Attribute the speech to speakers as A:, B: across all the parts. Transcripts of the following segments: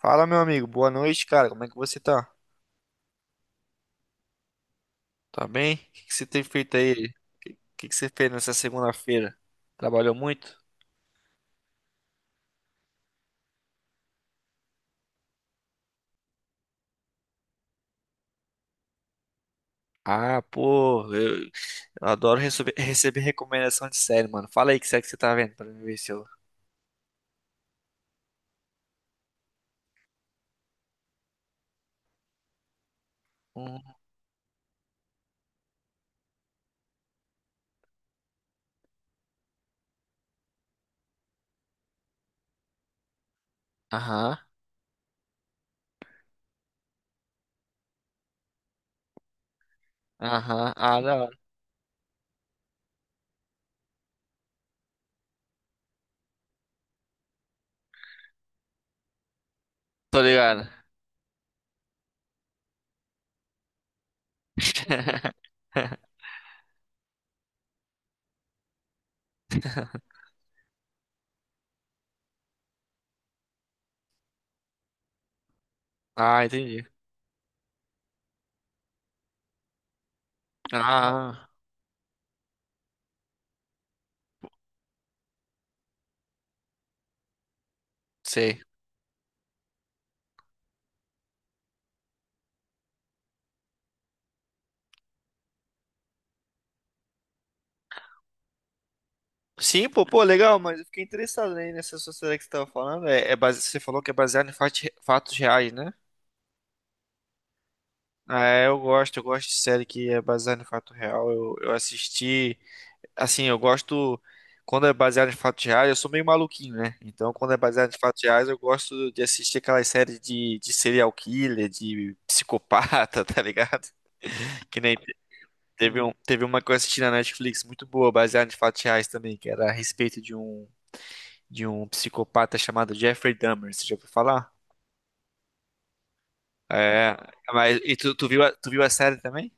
A: Fala, meu amigo. Boa noite, cara. Como é que você tá? Tá bem? O que que você tem feito aí? O que que você fez nessa segunda-feira? Trabalhou muito? Ah, pô, eu adoro receber recomendação de série, mano. Fala aí que série que você tá vendo pra mim ver se eu. Hum, Aham, aham, ah, da hora. Tô ligado. Ah, entendi. Ah, sei. Sim, pô, pô, legal, mas eu fiquei interessado aí nessa sua série que você tava falando. É, é base... Você falou que é baseado em fatos reais, né? Ah, é, eu gosto de série que é baseada em fato real. Eu assisti, assim, eu gosto quando é baseado em fatos reais, eu sou meio maluquinho, né? Então, quando é baseado em fatos reais, eu gosto de assistir aquelas séries de serial killer, de psicopata, tá ligado? Que nem te- teve um, teve uma que eu assisti na Netflix muito boa, baseada em fatos reais também, que era a respeito de um psicopata chamado Jeffrey Dahmer, você já ouviu falar? É, mas e tu, tu viu a série também?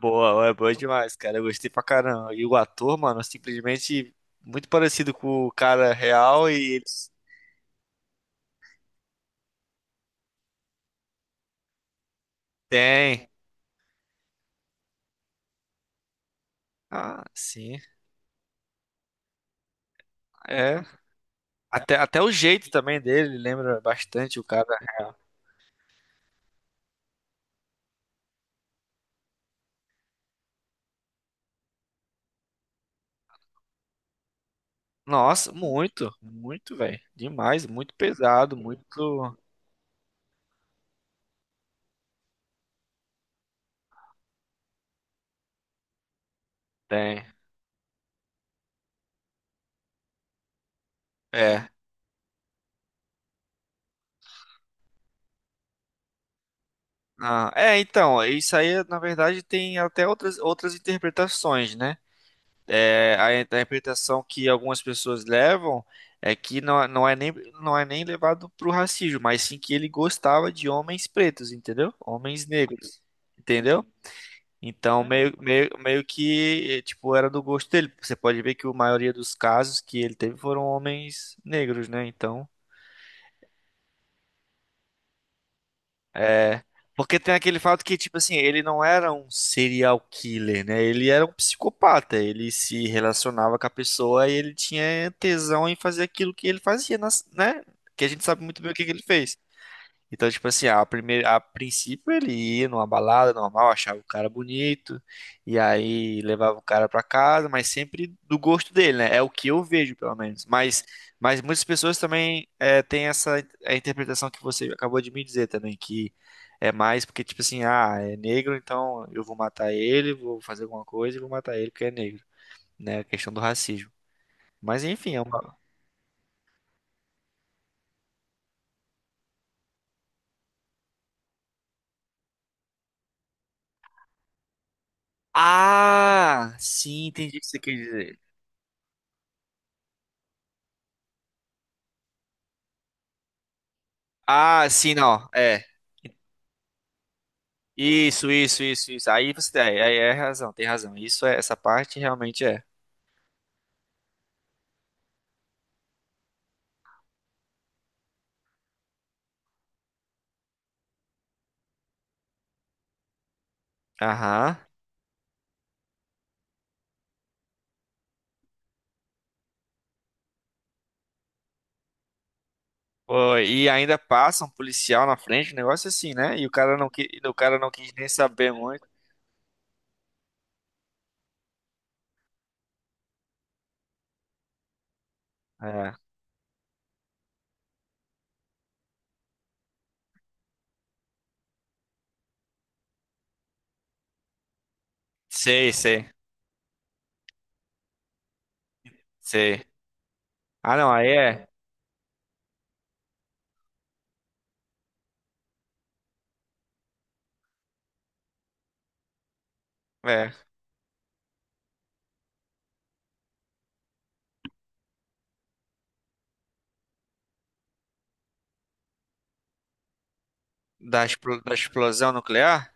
A: Boa, é boa demais, cara. Eu gostei pra caramba. E o ator, mano, simplesmente muito parecido com o cara real e eles têm. Ah, sim. É. Até o jeito também dele lembra bastante o cara real. Nossa, muito, muito, velho. Demais, muito pesado, muito. Tem. É. Ah, é, então, isso aí, na verdade, tem até outras interpretações, né? É, a interpretação que algumas pessoas levam é que não é nem, não é nem levado pro racismo, mas sim que ele gostava de homens pretos, entendeu? Homens negros, entendeu? Então, meio que, tipo, era do gosto dele. Você pode ver que a maioria dos casos que ele teve foram homens negros, né? Então. É, porque tem aquele fato que, tipo assim, ele não era um serial killer, né? Ele era um psicopata. Ele se relacionava com a pessoa e ele tinha tesão em fazer aquilo que ele fazia, né? Que a gente sabe muito bem o que que ele fez. Então, tipo assim, primeira, a princípio ele ia numa balada normal, achava o cara bonito, e aí levava o cara pra casa, mas sempre do gosto dele, né? É o que eu vejo, pelo menos. Mas muitas pessoas também têm essa a interpretação que você acabou de me dizer também, que é mais porque, tipo assim, ah, é negro, então eu vou matar ele, vou fazer alguma coisa e vou matar ele porque é negro, né? A questão do racismo. Mas enfim, é uma. Ah, sim, entendi o que você quer dizer. Ah, sim, não. É. Isso, isso, isso, isso. Aí é razão, tem razão. Isso é, essa parte realmente é. Aham. Pô, e ainda passa um policial na frente, um negócio assim, né? E o cara não quis, o cara não quis nem saber muito. É. Sei, sei, sei. Ah, não, aí é, é da, da explosão nuclear?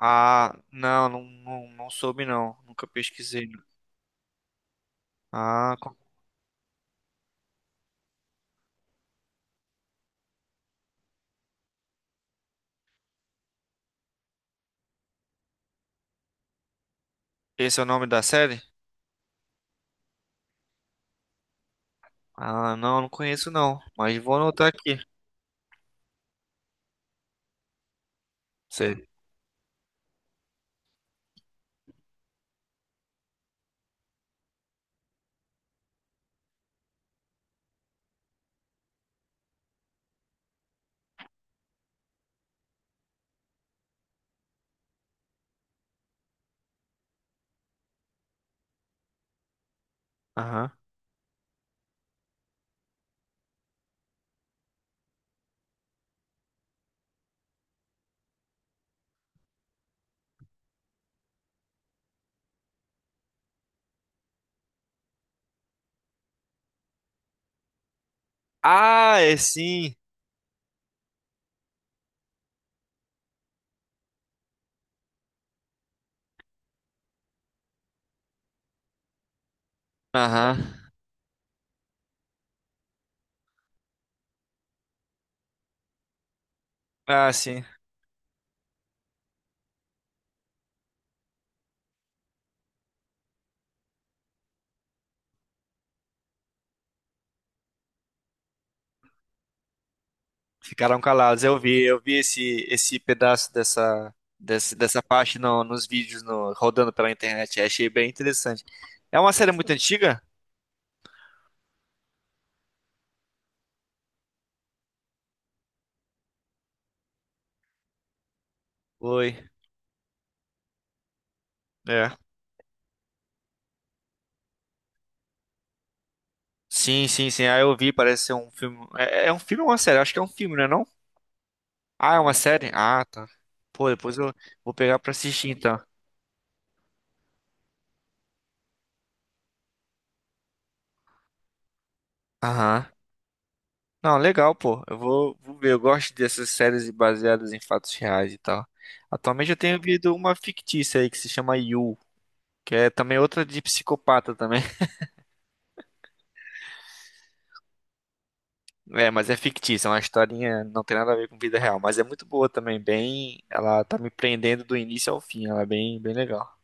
A: Ah, não, não, não, não soube não, nunca pesquisei. Não. Ah, co- esse é o nome da série? Ah, não, não conheço não, mas vou anotar aqui. Sei. Aham. Ah, é sim. Aham. Ah, sim. Ficaram calados. Eu vi esse, esse pedaço desse, dessa parte nos vídeos rodando pela internet. Achei bem interessante. É uma série muito antiga? Oi. É. Sim, sim, sim. Ah, eu vi, parece ser um filme. É, é um filme ou uma série? Acho que é um filme, né, não? Ah, é uma série? Ah, tá. Pô, depois eu vou pegar pra assistir então. Aham. Não, legal, pô. Vou ver. Eu gosto dessas séries baseadas em fatos reais e tal. Atualmente eu tenho visto uma fictícia aí que se chama You. Que é também outra de psicopata também. É, mas é fictícia, é uma historinha, não tem nada a ver com vida real, mas é muito boa também, bem, ela tá me prendendo do início ao fim, ela é bem, bem legal.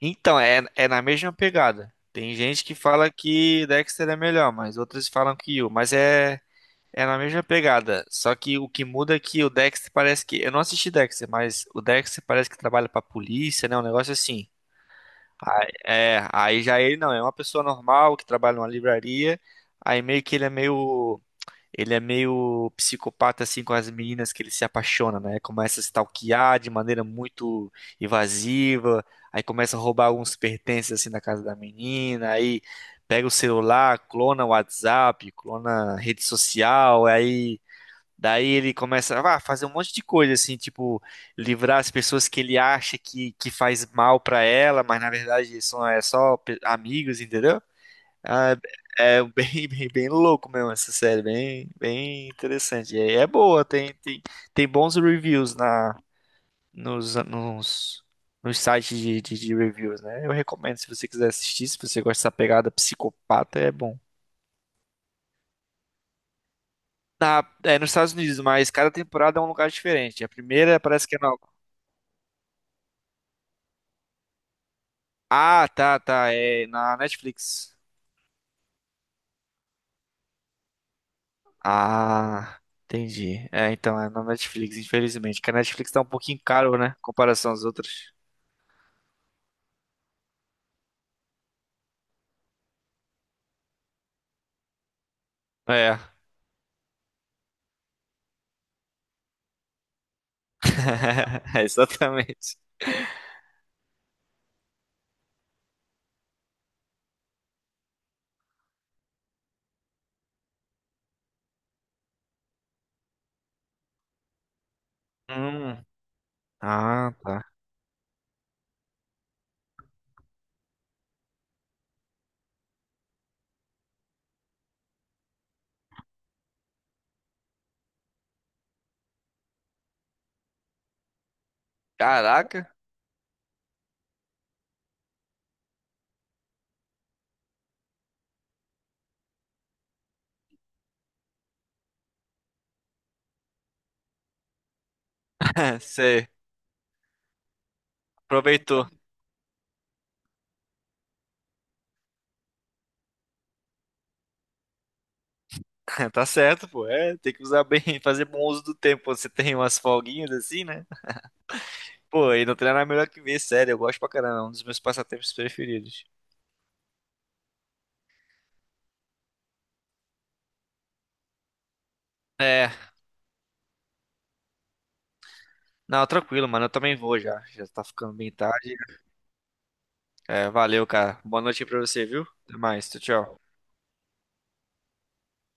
A: Então, é na mesma pegada. Tem gente que fala que Dexter é melhor, mas outras falam que Yu, mas é na mesma pegada, só que o que muda é que o Dexter parece que, eu não assisti Dexter, mas o Dexter parece que trabalha pra polícia, né, um negócio assim. É, aí já ele não, é uma pessoa normal que trabalha numa livraria, aí meio que ele é meio psicopata assim com as meninas que ele se apaixona, né? Começa a stalkear de maneira muito invasiva, aí começa a roubar alguns pertences assim na casa da menina, aí pega o celular, clona o WhatsApp, clona a rede social, aí daí ele começa a fazer um monte de coisa assim, tipo livrar as pessoas que ele acha que faz mal pra ela, mas na verdade são só amigos, entendeu? Ah, é é bem, bem, bem louco mesmo essa série, bem, bem interessante. E aí é boa, tem bons reviews nos, nos, nos sites de reviews, né? Eu recomendo se você quiser assistir, se você gosta dessa pegada psicopata, é bom. Na, é nos Estados Unidos, mas cada temporada é um lugar diferente. A primeira parece que é na... tá, é na Netflix. Ah, entendi. É, então, é na Netflix, infelizmente, que a Netflix tá um pouquinho caro, né? Em comparação às outras. É. Exatamente. Hum. Ah, tá. Caraca. Você aproveitou. Tá certo, pô. É, tem que usar bem, fazer bom uso do tempo. Você tem umas folguinhas assim, né? Pô, e não tem nada melhor que ver, sério. Eu gosto pra caramba. É um dos meus passatempos preferidos. É, não, tranquilo, mano. Eu também vou já. Já tá ficando bem tarde. É, valeu, cara. Boa noite aí pra você, viu? Até mais. Tchau, tchau.